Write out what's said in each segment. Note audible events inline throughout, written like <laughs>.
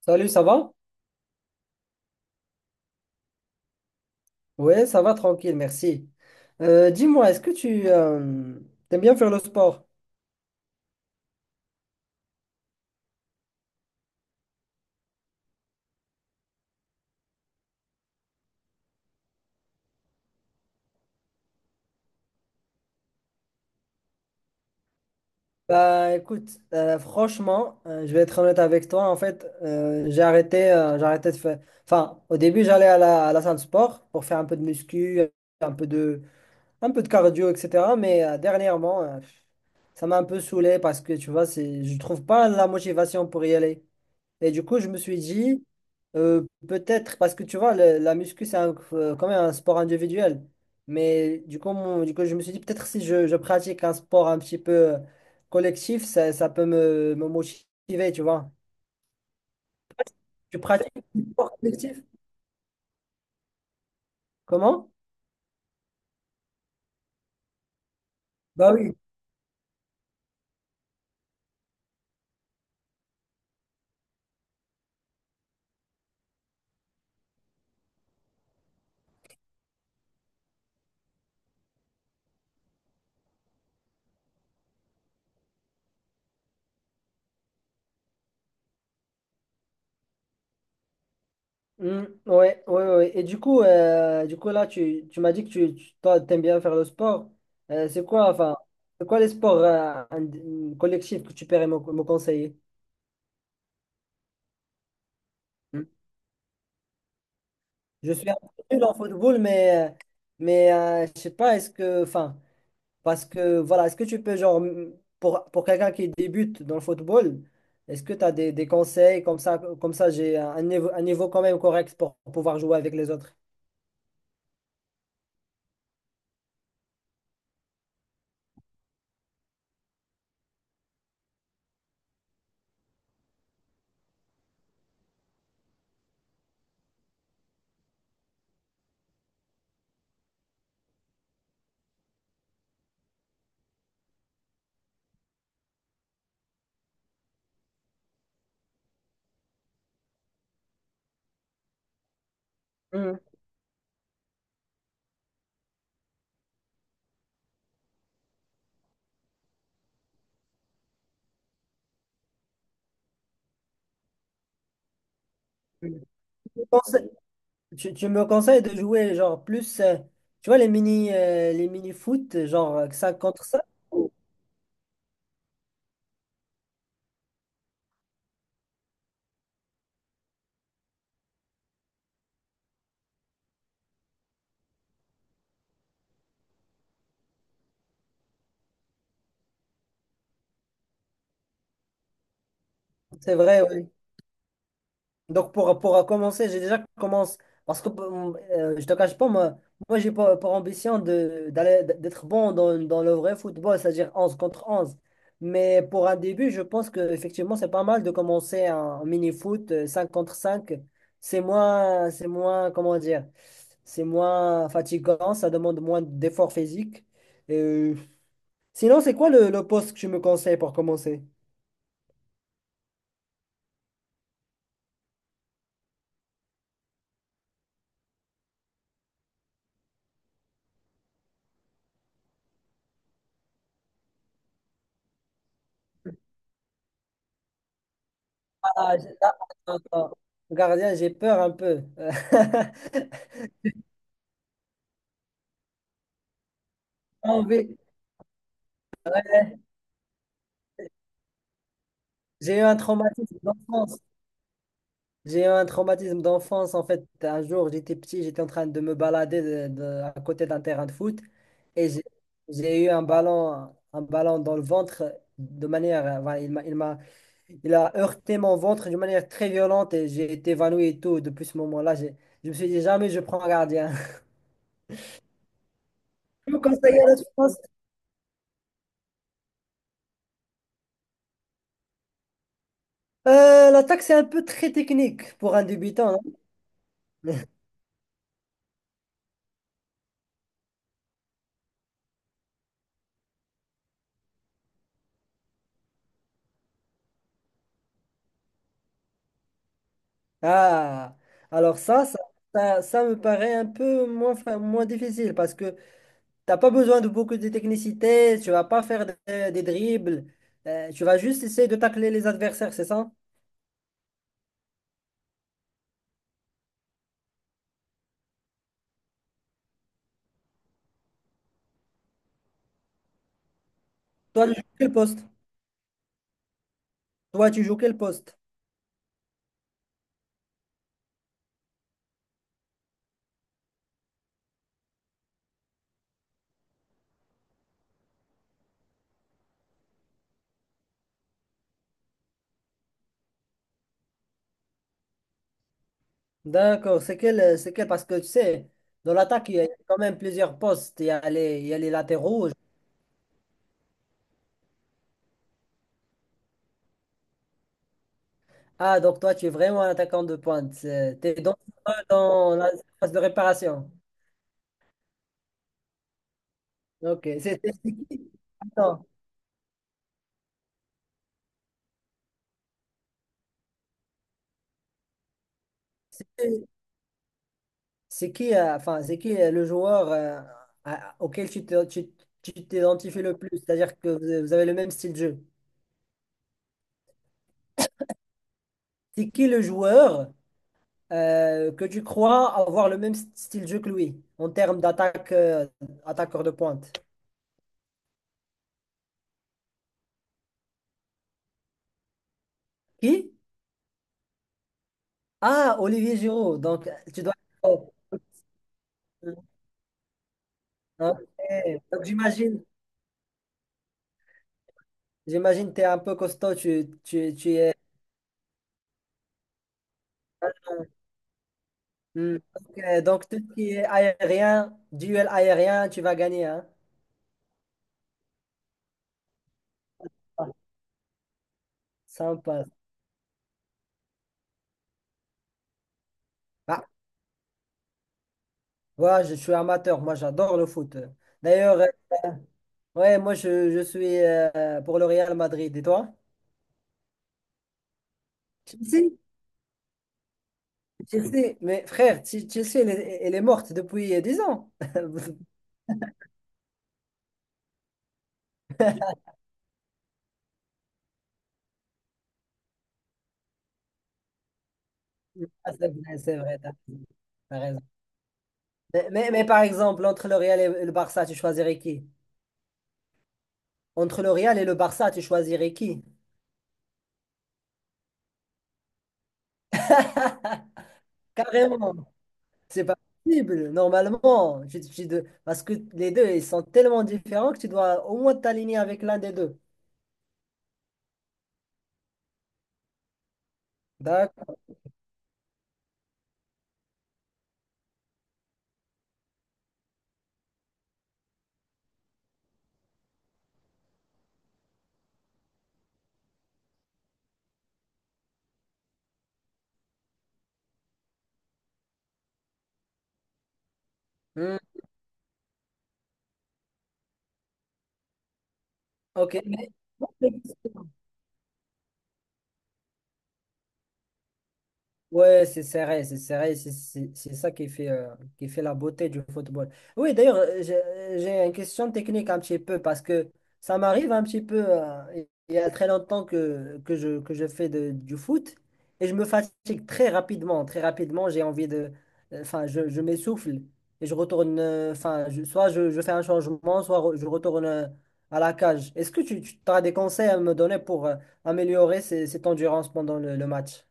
Salut, ça va? Ouais, ça va, tranquille, merci. Dis-moi, est-ce que tu t'aimes bien faire le sport? Bah écoute, franchement, je vais être honnête avec toi. En fait, j'ai arrêté de faire. Enfin, au début, j'allais à la salle de sport pour faire un peu de muscu, un peu de, un peu de cardio, etc. Mais dernièrement, ça m'a un peu saoulé parce que tu vois, c'est, je trouve pas la motivation pour y aller. Et du coup, je me suis dit, peut-être, parce que tu vois, la muscu, c'est quand même un sport individuel. Mais du coup, du coup, je me suis dit, peut-être si je pratique un sport un petit peu collectif, ça peut me motiver, tu vois. Tu pratiques un sport collectif? Comment? Bah oui. Mm, ouais, ouais, ouais. Et du coup là, tu m'as dit que tu toi, t'aimes bien faire le sport. C'est quoi, enfin, c'est quoi les sports collectifs que tu pourrais me conseiller? Mmh. Je suis un peu nul en football, mais je sais pas, est-ce que, enfin, parce que, voilà, est-ce que tu peux, genre, pour quelqu'un qui débute dans le football, est-ce que tu as des conseils comme ça, j'ai un niveau quand même correct pour pouvoir jouer avec les autres? Mhm. Tu, conseilles- tu me conseilles de jouer, genre, plus, tu vois, les mini foot, genre 5 contre 5? C'est vrai, ouais. Donc pour commencer, j'ai déjà commencé parce que je te cache pas, moi, moi j'ai pour ambition de d'aller d'être bon dans, dans le vrai football, c'est-à-dire 11 contre 11. Mais pour un début, je pense que effectivement c'est pas mal de commencer en mini-foot 5 contre cinq. C'est moins, comment dire, c'est moins fatigant, ça demande moins d'efforts physiques. Et, sinon, c'est quoi le poste que tu me conseilles pour commencer? Ah, j'ai- ah, attends, attends. Gardien, j'ai peur un peu. <laughs> En vrai, j'ai eu un traumatisme d'enfance. J'ai eu un traumatisme d'enfance. En fait, un jour, j'étais petit, j'étais en train de me balader à côté d'un terrain de foot et j'ai eu un ballon dans le ventre de manière. Voilà, il il a heurté mon ventre d'une manière très violente et j'ai été évanoui et tout. Depuis ce moment-là, je me suis dit jamais je prends un gardien. <laughs> Je vous conseille à la. L'attaque, c'est un peu très technique pour un débutant. Hein. <laughs> Ah, alors ça me paraît un peu moins, moins difficile parce que t'as pas besoin de beaucoup de technicité, tu vas pas faire des dribbles, tu vas juste essayer de tacler les adversaires, c'est ça? Toi, tu joues quel poste? Toi, tu joues quel poste? D'accord, c'est quel, c'est quel? Parce que tu sais, dans l'attaque, il y a quand même plusieurs postes. Il y a les, il y a les latéraux. Ah, donc toi, tu es vraiment un attaquant de pointe. T'es donc pas dans la phase de réparation. Ok. C'est qui, attends, c'est c'est qui, enfin, c'est qui le joueur auquel tu t'identifies le plus? C'est-à-dire que vous vous avez le même style de jeu. C'est qui le joueur que tu crois avoir le même style de jeu que lui en termes d'attaque, attaqueur de pointe? Qui? Ah, Olivier Giroud. Donc, tu dois. Oh, hein, ok. Donc, j'imagine. J'imagine que tu es un peu costaud, tu es. Hmm. Donc, tout ce qui est aérien, duel aérien, tu vas gagner, hein? Ah, sympa. Ah, voilà, je suis amateur, moi j'adore le foot. D'ailleurs, ouais, je suis pour le Real Madrid. Et toi? Chelsea? Chelsea, mais frère, Chelsea, elle est morte depuis 10 ans. <laughs> Ah, c'est vrai, c'est vrai, t'as raison. Mais par exemple, entre le Real et le Barça, tu choisirais qui? Entre le Real et le Barça, tu choisirais qui? <laughs> Carrément, c'est pas possible, normalement. Parce que les deux, ils sont tellement différents que tu dois au moins t'aligner avec l'un des deux. D'accord. Hmm, ok. Ouais, c'est serré, c'est serré, c'est ça qui fait la beauté du football. Oui, d'ailleurs, j'ai une question technique un petit peu parce que ça m'arrive un petit peu, il y a très longtemps que, que je fais du foot et je me fatigue très rapidement, j'ai envie de, enfin, je m'essouffle et je retourne, enfin, soit je fais un changement, soit je retourne à la cage. Est-ce que tu as des conseils à me donner pour améliorer cette endurance pendant le match?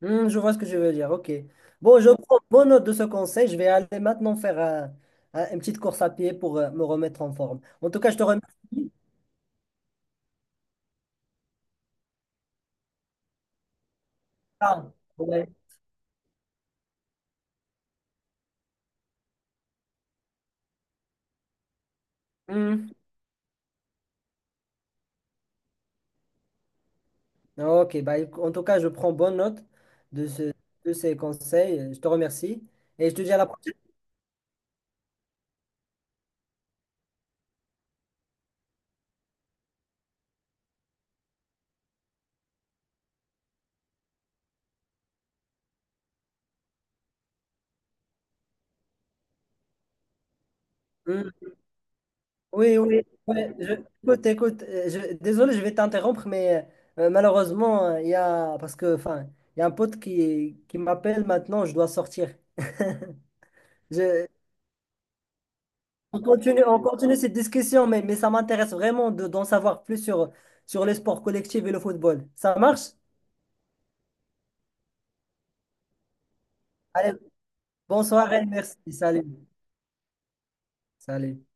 Hmm, je vois ce que je veux dire. OK. Bon, je prends bonne note de ce conseil. Je vais aller maintenant faire une petite course à pied pour me remettre en forme. En tout cas, je te remercie. Ah, ouais. Hmm. OK. Bah, en tout cas, je prends bonne note de ce- de ces conseils. Je te remercie et je te dis à la prochaine. Hmm. Oui, oui, ouais, écoute, écoute, désolé, je vais t'interrompre, mais malheureusement, il y a, parce que, enfin, il y a un pote qui m'appelle maintenant, je dois sortir. Je, on continue cette discussion, mais ça m'intéresse vraiment de, d'en savoir plus sur, sur les sports collectifs et le football. Ça marche? Allez, bonne soirée, merci, salut, salut.